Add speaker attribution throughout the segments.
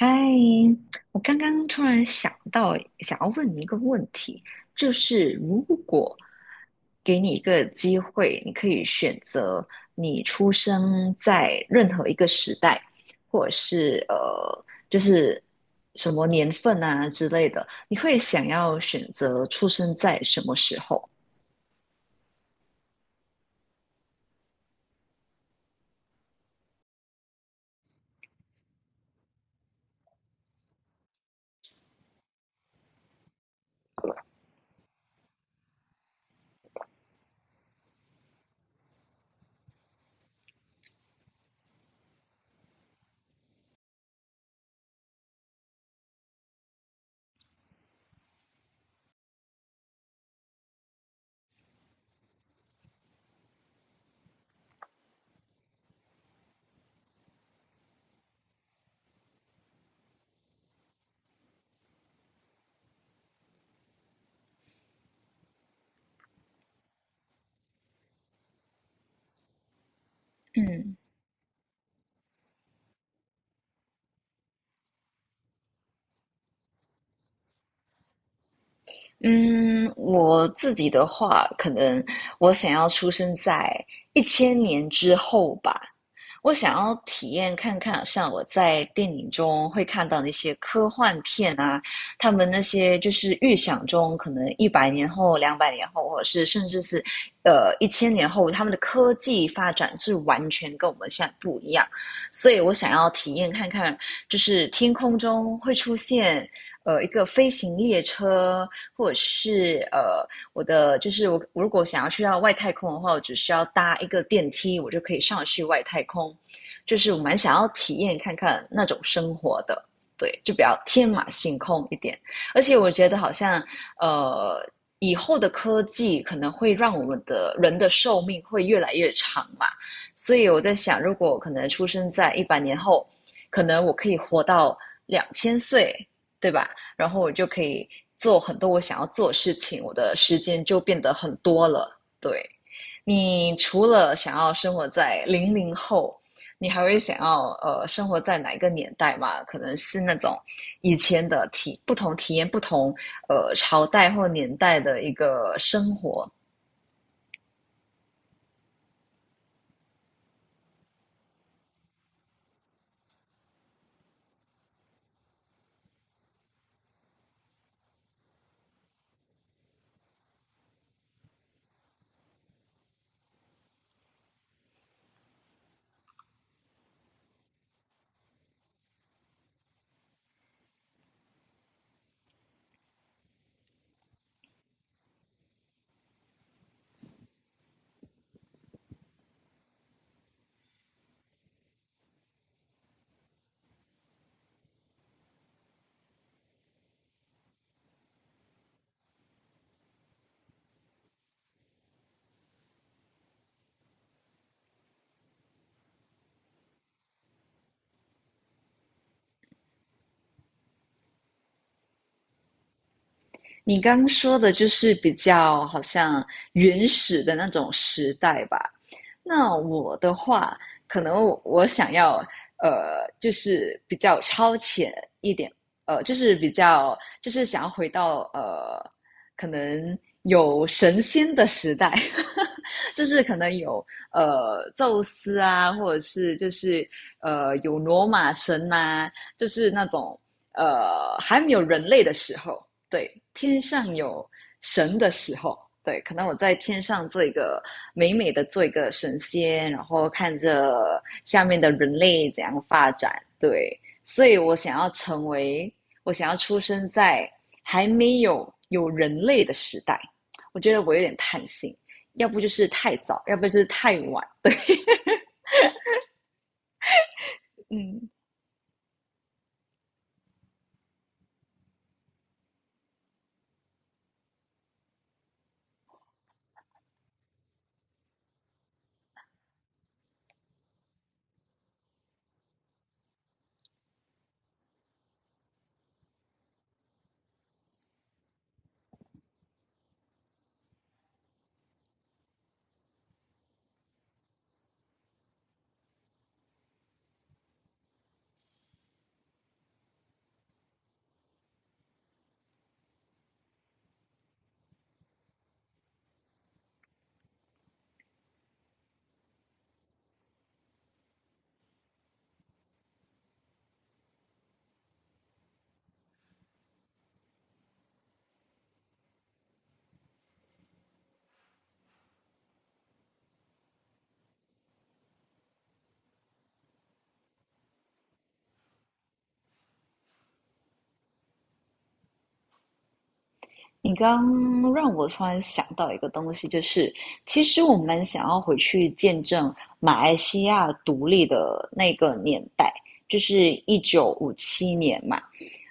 Speaker 1: 嗨，我刚刚突然想到，想要问你一个问题，就是如果给你一个机会，你可以选择你出生在任何一个时代，或者是就是什么年份啊之类的，你会想要选择出生在什么时候？嗯嗯，我自己的话，可能我想要出生在一千年之后吧。我想要体验看看，像我在电影中会看到那些科幻片啊，他们那些就是预想中可能一百年后、200年后，或者是甚至是1000年后，他们的科技发展是完全跟我们现在不一样。所以我想要体验看看，就是天空中会出现一个飞行列车，或者是呃我的就是我我如果想要去到外太空的话，我只需要搭一个电梯，我就可以上去外太空。就是我蛮想要体验看看那种生活的，对，就比较天马行空一点。而且我觉得好像呃以后的科技可能会让我们的人的寿命会越来越长嘛，所以我在想，如果可能出生在一百年后，可能我可以活到2000岁，对吧？然后我就可以做很多我想要做的事情，我的时间就变得很多了。对，你除了想要生活在零零后，你还会想要生活在哪一个年代嘛？可能是那种以前的体验不同朝代或年代的一个生活。你刚说的就是比较好像原始的那种时代吧。那我的话，可能我想要就是比较超前一点，就是比较就是想要回到可能有神仙的时代，就是可能有宙斯啊，或者是就是有罗马神呐、啊就是那种还没有人类的时候。对，天上有神的时候，对，可能我在天上做一个美美的做一个神仙，然后看着下面的人类怎样发展，对，所以我想要成为，我想要出生在还没有有人类的时代，我觉得我有点贪心，要不就是太早，要不就是太晚，嗯。你刚让我突然想到一个东西，就是其实我们想要回去见证马来西亚独立的那个年代，就是1957年嘛。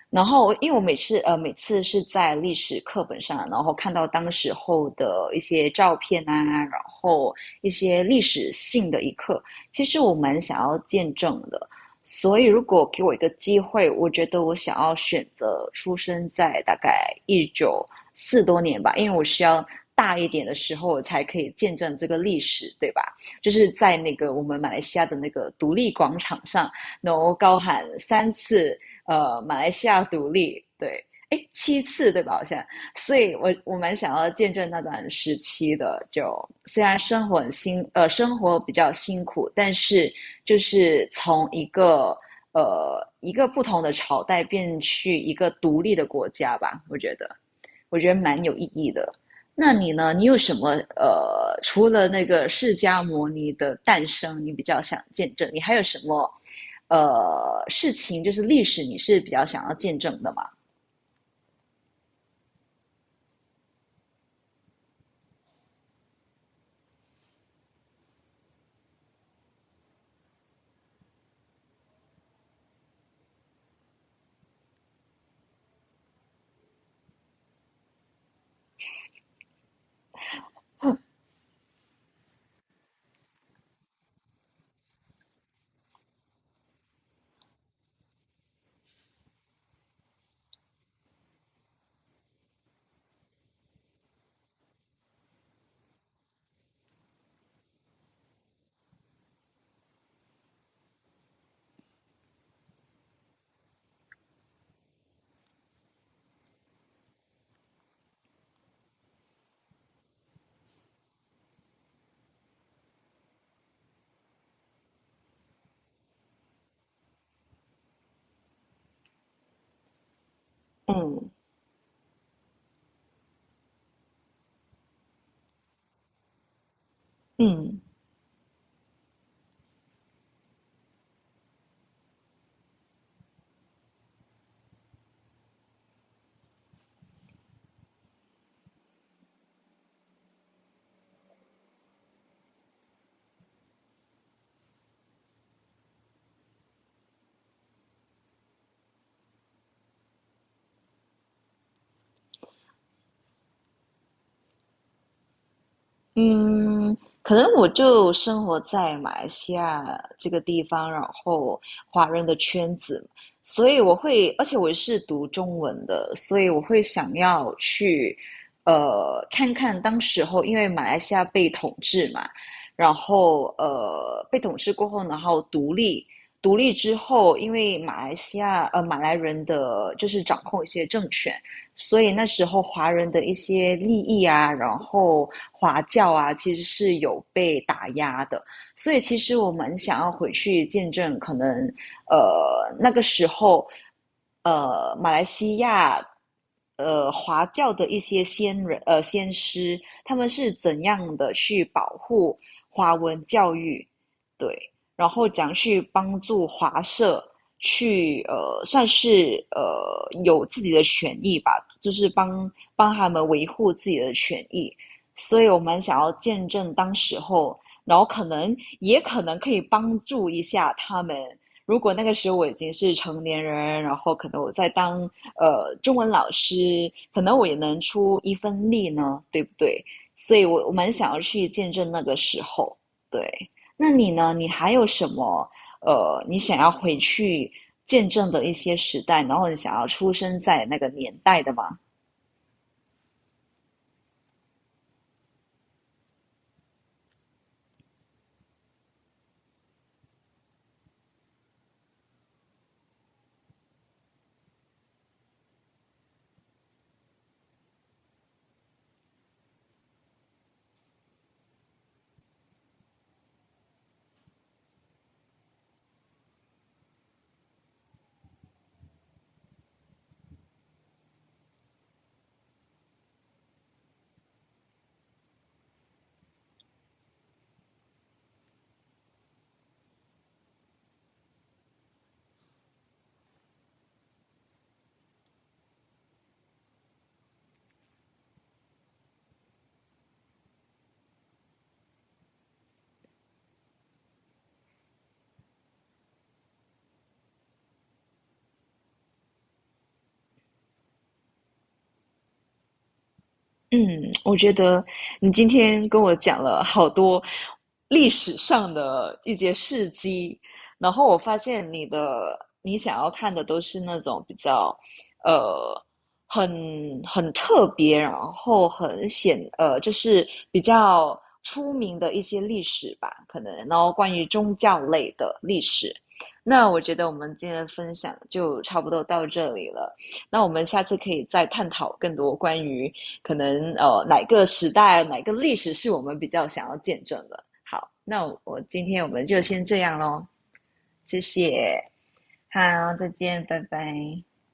Speaker 1: 然后，因为我每次是在历史课本上，然后看到当时候的一些照片啊，然后一些历史性的一刻，其实我蛮想要见证的。所以，如果给我一个机会，我觉得我想要选择出生在大概一九四多年吧，因为我需要大一点的时候，我才可以见证这个历史，对吧？就是在那个我们马来西亚的那个独立广场上，然后高喊3次马来西亚独立，对，哎，7次对吧？好像，所以我蛮想要见证那段时期的。就虽然生活比较辛苦，但是就是从一个一个不同的朝代变去一个独立的国家吧，我觉得。我觉得蛮有意义的。那你呢？你有什么除了那个释迦牟尼的诞生，你比较想见证？你还有什么事情，就是历史你是比较想要见证的吗？嗯嗯，嗯，可能我就生活在马来西亚这个地方，然后华人的圈子，所以我会，而且我是读中文的，所以我会想要去，看看当时候，因为马来西亚被统治嘛，然后被统治过后，然后独立，独立之后，因为马来西亚马来人的就是掌控一些政权。所以那时候华人的一些利益啊，然后华教啊，其实是有被打压的。所以其实我们想要回去见证，可能那个时候，马来西亚华教的一些先师，他们是怎样的去保护华文教育，对，然后怎样去帮助华社。去算是有自己的权益吧，就是帮他们维护自己的权益。所以我们想要见证当时候，然后可能也可能可以帮助一下他们。如果那个时候我已经是成年人，然后可能我在当中文老师，可能我也能出一份力呢，对不对？所以我蛮想要去见证那个时候。对，那你呢？你还有什么你想要回去见证的一些时代，然后你想要出生在那个年代的嘛。嗯，我觉得你今天跟我讲了好多历史上的一些事迹，然后我发现你想要看的都是那种比较呃很很特别，然后就是比较出名的一些历史吧，可能然后关于宗教类的历史。那我觉得我们今天的分享就差不多到这里了。那我们下次可以再探讨更多关于可能哪个时代、哪个历史是我们比较想要见证的。好，那我今天我们就先这样喽，谢谢，好，再见，拜拜。